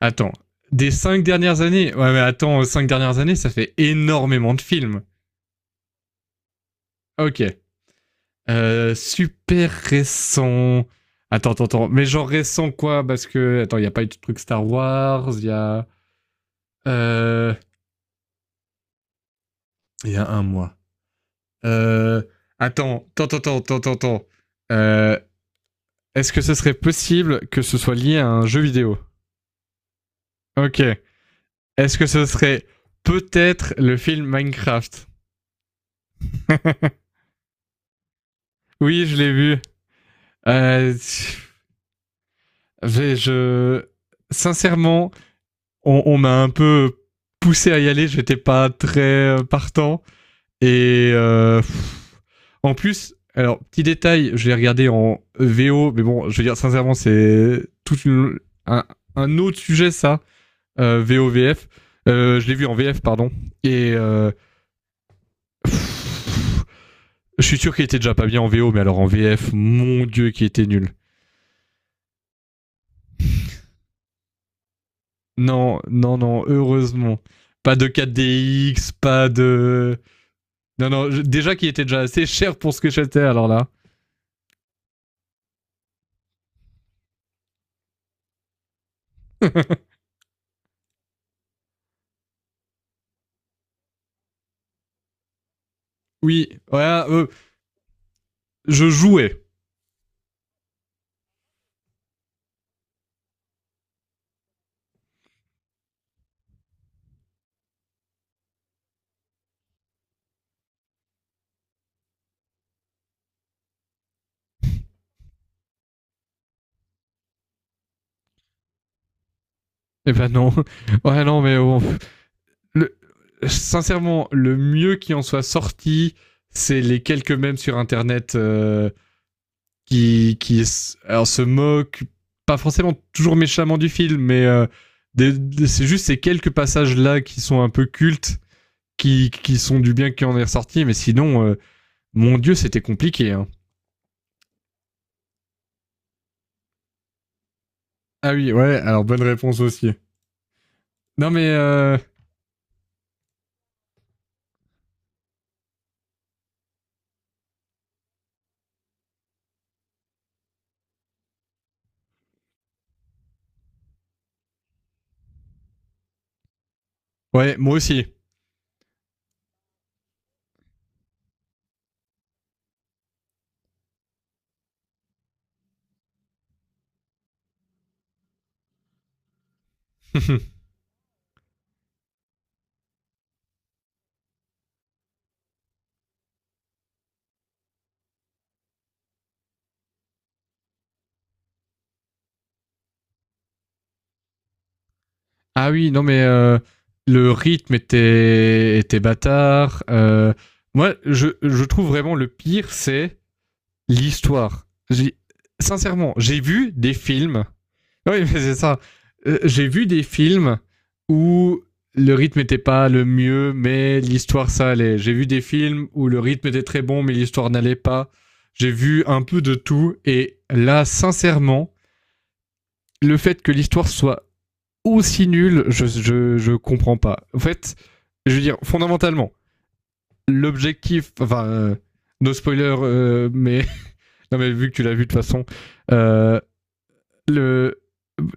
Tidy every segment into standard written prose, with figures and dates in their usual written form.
Attends, des cinq dernières années. Ouais, mais attends, cinq dernières années, ça fait énormément de films. Ok. Super récent. Attends, attends, attends. Mais genre récent, quoi. Parce que, attends, il n'y a pas eu de truc Star Wars, il y a... Euh... Il y a un mois. Euh... Attends, attends, attends, attends, attends. Euh... Est-ce que ce serait possible que ce soit lié à un jeu vidéo? Ok. Est-ce que ce serait peut-être le film Minecraft? Oui, je l'ai vu. Euh... Je, je... Sincèrement, on m'a un peu poussé à y aller, j'étais pas très partant. Et en plus, alors, petit détail, je l'ai regardé en VO, mais bon, je veux dire, sincèrement, c'est tout un, autre sujet, ça, VO-VF. Je l'ai vu en VF, pardon. Et je suis sûr qu'il était déjà pas bien en VO, mais alors en VF, mon Dieu, qui était nul. Non, non, non, heureusement. Pas de 4DX, pas de. Non, non, déjà qui était déjà assez cher pour ce que j'étais, alors là. Oui, ouais, je jouais. Eh ben non. Ouais, non, mais bon. Le- sincèrement, le mieux qui en soit sorti, c'est les quelques mèmes sur Internet, qui alors, se moquent, pas forcément toujours méchamment du film, mais c'est juste ces quelques passages-là qui sont un peu cultes, qui sont du bien qui en est ressorti, mais sinon, mon Dieu, c'était compliqué, hein. Ah oui, ouais, alors bonne réponse aussi. Non mais ouais, moi aussi. Ah oui, non mais le rythme était bâtard. Moi, je trouve vraiment le pire, c'est l'histoire. Sincèrement, j'ai vu des films. Oui, mais c'est ça. J'ai vu des films où le rythme n'était pas le mieux, mais l'histoire ça allait. J'ai vu des films où le rythme était très bon, mais l'histoire n'allait pas. J'ai vu un peu de tout et là, sincèrement, le fait que l'histoire soit aussi nul, je comprends pas. En fait, je veux dire, fondamentalement, l'objectif, enfin, no spoiler, non, mais vu que tu l'as vu de toute façon, euh, le,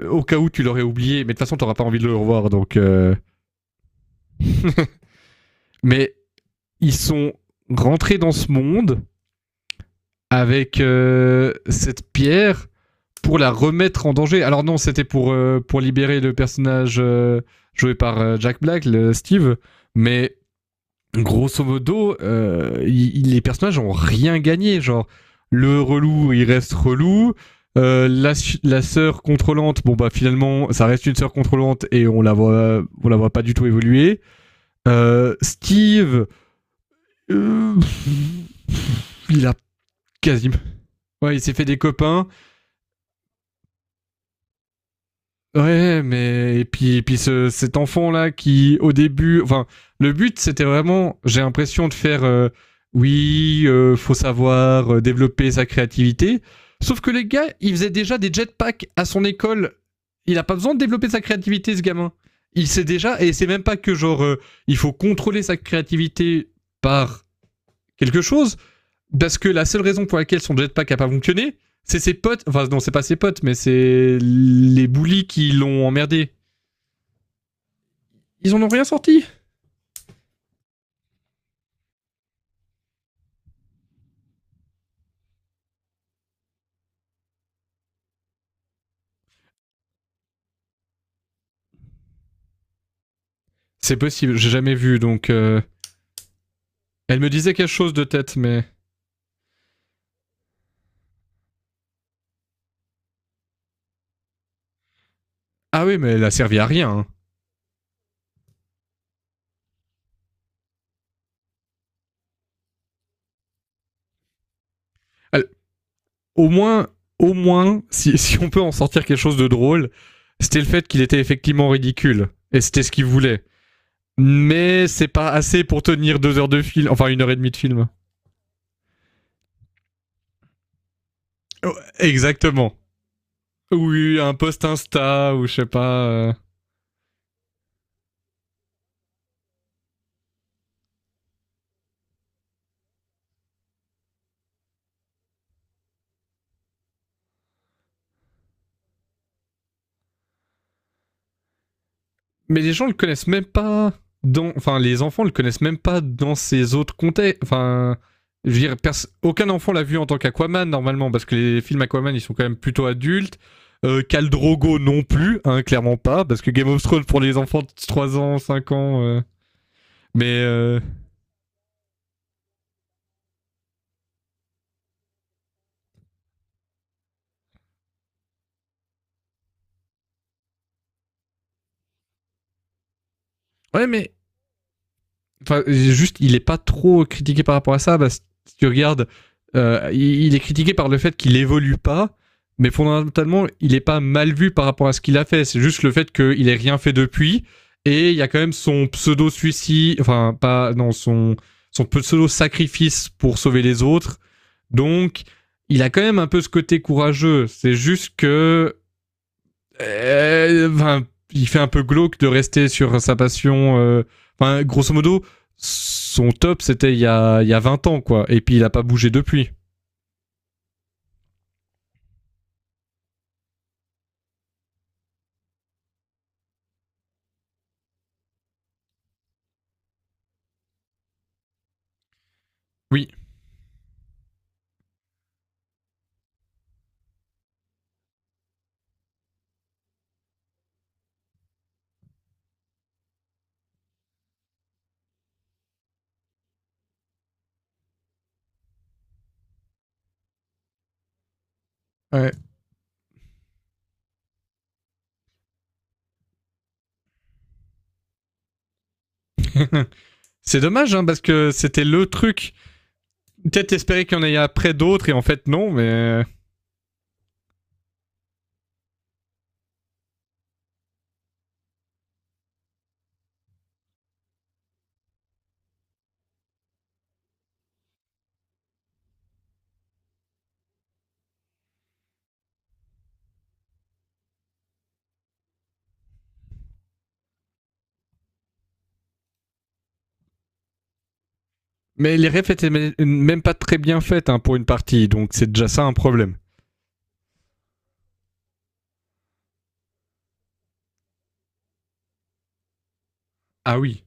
au cas où tu l'aurais oublié, mais de toute façon, t'auras pas envie de le revoir, donc, mais ils sont rentrés dans ce monde avec cette pierre pour la remettre en danger. Alors non, c'était pour libérer le personnage joué par Jack Black, le Steve, mais grosso modo, les personnages ont rien gagné. Genre, le relou, il reste relou. Euh, la, la sœur contrôlante, bon bah finalement, ça reste une sœur contrôlante et on la voit pas du tout évoluer. Euh, Steve, euh, il a quasiment, ouais, il s'est fait des copains. Ouais, mais et puis cet enfant là qui au début, enfin le but c'était vraiment, j'ai l'impression de faire, oui, faut savoir, développer sa créativité. Sauf que les gars, ils faisaient déjà des jetpacks à son école. Il a pas besoin de développer sa créativité, ce gamin. Il sait déjà et c'est même pas que genre, il faut contrôler sa créativité par quelque chose. Parce que la seule raison pour laquelle son jetpack a pas fonctionné, c'est ses potes. Enfin, non, c'est pas ses potes, mais c'est les bullies qui l'ont emmerdé. Ils en ont rien sorti. C'est possible, j'ai jamais vu, donc, elle me disait quelque chose de tête, mais. Ah oui, mais elle a servi à rien, hein. Elle- Au moins, au moins, si, si on peut en sortir quelque chose de drôle, c'était le fait qu'il était effectivement ridicule. Et c'était ce qu'il voulait. Mais c'est pas assez pour tenir 2 heures de film, enfin une heure et demie de film. Exactement. Oui, un post Insta ou je sais pas. Mais les gens le connaissent même pas dans. Enfin, les enfants le connaissent même pas dans ces autres contextes. Enfin, je veux dire, aucun enfant l'a vu en tant qu'Aquaman normalement, parce que les films Aquaman ils sont quand même plutôt adultes. Khal Drogo non plus, hein, clairement pas, parce que Game of Thrones pour les enfants de 3 ans, 5 ans. Mais. euh, Ouais, mais enfin, juste, il est pas trop critiqué par rapport à ça. Bah si tu regardes, il est critiqué par le fait qu'il évolue pas, mais fondamentalement, il est pas mal vu par rapport à ce qu'il a fait. C'est juste le fait qu'il ait rien fait depuis. Et il y a quand même son pseudo suicide, enfin pas non son pseudo sacrifice pour sauver les autres. Donc, il a quand même un peu ce côté courageux. C'est juste que, enfin, il fait un peu glauque de rester sur sa passion, enfin, grosso modo, son top, c'était il y a 20 ans, quoi. Et puis, il a pas bougé depuis. Oui. Ouais. C'est dommage, hein, parce que c'était le truc. Peut-être espérer qu'il y en ait après d'autres, et en fait, non, mais... Mais les refs étaient même pas très bien faites, hein, pour une partie, donc c'est déjà ça un problème. Ah oui.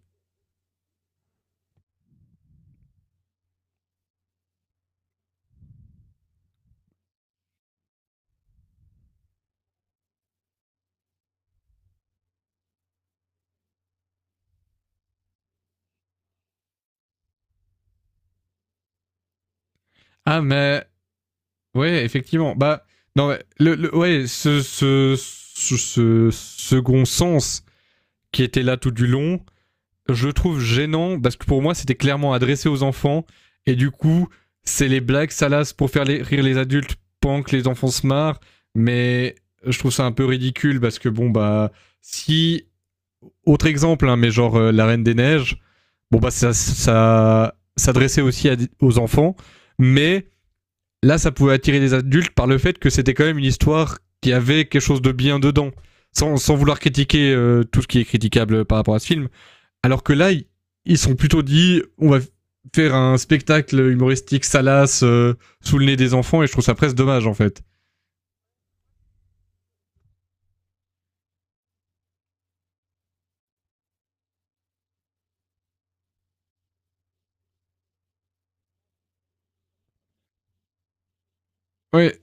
Ah, mais... Ouais, effectivement. Bah, non, ouais, ce, ce second sens qui était là tout du long, je le trouve gênant parce que pour moi c'était clairement adressé aux enfants et du coup c'est les blagues salaces pour faire les, rire les adultes pendant que les enfants se marrent, mais je trouve ça un peu ridicule parce que bon bah si autre exemple hein, mais genre, la Reine des Neiges, bon bah ça s'adressait aussi aux enfants, mais là ça pouvait attirer les adultes par le fait que c'était quand même une histoire qui avait quelque chose de bien dedans. Sans vouloir critiquer, tout ce qui est critiquable par rapport à ce film, alors que là, ils sont plutôt dit, on va faire un spectacle humoristique salace, sous le nez des enfants et je trouve ça presque dommage en fait. Ouais.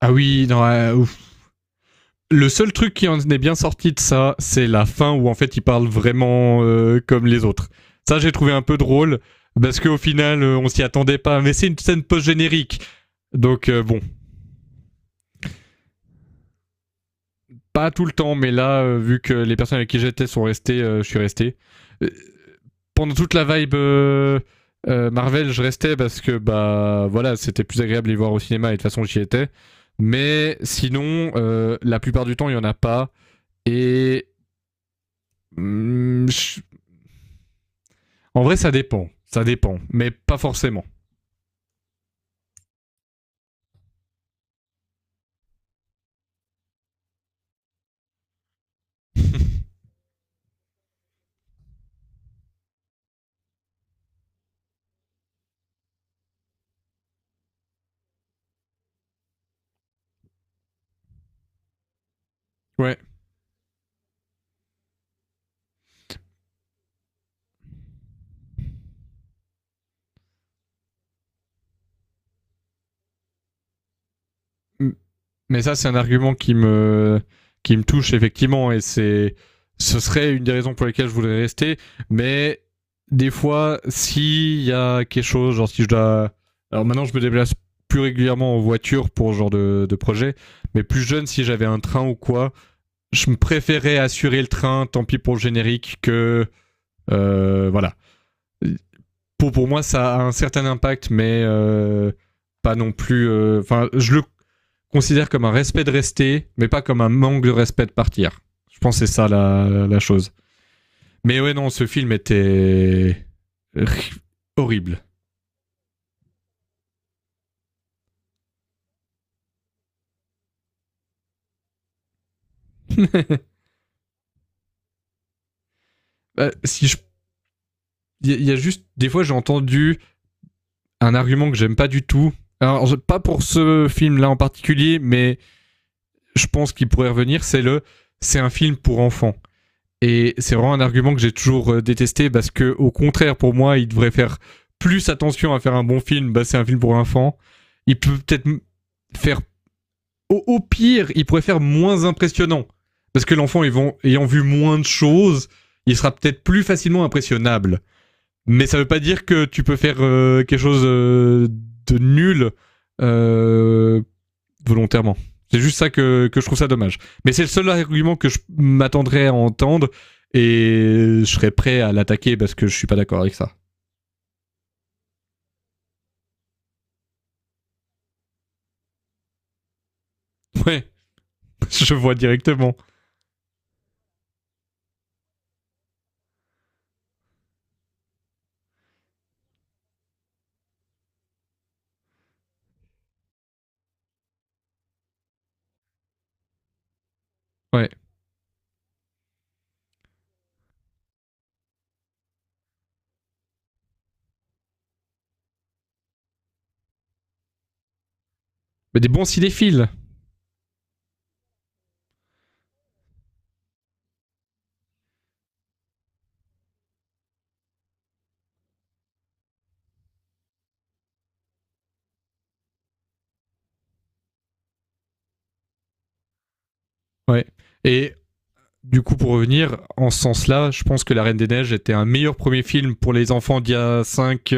Ah oui, non, ouf. Le seul truc qui en est bien sorti de ça, c'est la fin où en fait ils parlent vraiment, comme les autres. Ça, j'ai trouvé un peu drôle parce qu'au final, on s'y attendait pas. Mais c'est une scène post-générique. Donc, bon, pas tout le temps, mais là, vu que les personnes avec qui j'étais sont restées, je suis resté. Euh, pendant toute la vibe, Marvel, je restais parce que bah voilà, c'était plus agréable de les voir au cinéma et de toute façon j'y étais. Mais sinon, la plupart du temps, il y en a pas. Et hum, je- en vrai, ça dépend, mais pas forcément. Ouais. Mais ça, c'est un argument qui me touche effectivement, et c'est, ce serait une des raisons pour lesquelles je voudrais rester. Mais des fois, s'il y a quelque chose, genre si je dois, alors maintenant je me déplace plus régulièrement en voiture pour ce genre de projet, mais plus jeune, si j'avais un train ou quoi, je me préférais assurer le train, tant pis pour le générique, que, voilà, pour moi, ça a un certain impact, mais, pas non plus. Enfin, je le considère comme un respect de rester, mais pas comme un manque de respect de partir. Je pense que c'est ça la chose. Mais ouais, non, ce film était horrible. Si je, il y a juste des fois j'ai entendu un argument que j'aime pas du tout. Alors pas pour ce film-là en particulier, mais je pense qu'il pourrait revenir. C'est un film pour enfants. Et c'est vraiment un argument que j'ai toujours, détesté parce que, au contraire, pour moi, il devrait faire plus attention à faire un bon film. Bah, c'est un film pour enfants. Il peut peut-être faire, au pire, il pourrait faire moins impressionnant. Parce que l'enfant, ayant vu moins de choses, il sera peut-être plus facilement impressionnable. Mais ça veut pas dire que tu peux faire, quelque chose, de nul, euh, volontairement. C'est juste ça que je trouve ça dommage. Mais c'est le seul argument que je m'attendrais à entendre et je serais prêt à l'attaquer parce que je suis pas d'accord avec ça. Ouais, je vois directement. Ouais. Mais des bons cinéphiles. Ouais. Et du coup, pour revenir, en ce sens-là, je pense que La Reine des Neiges était un meilleur premier film pour les enfants d'il y a 5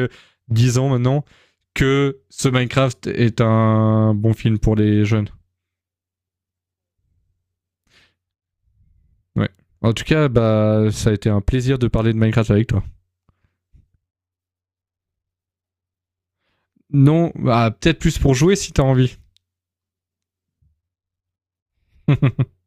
10 ans maintenant que ce Minecraft est un bon film pour les jeunes. Ouais. En tout cas, bah, ça a été un plaisir de parler de Minecraft avec toi. Non, bah, peut-être plus pour jouer si t'as envie.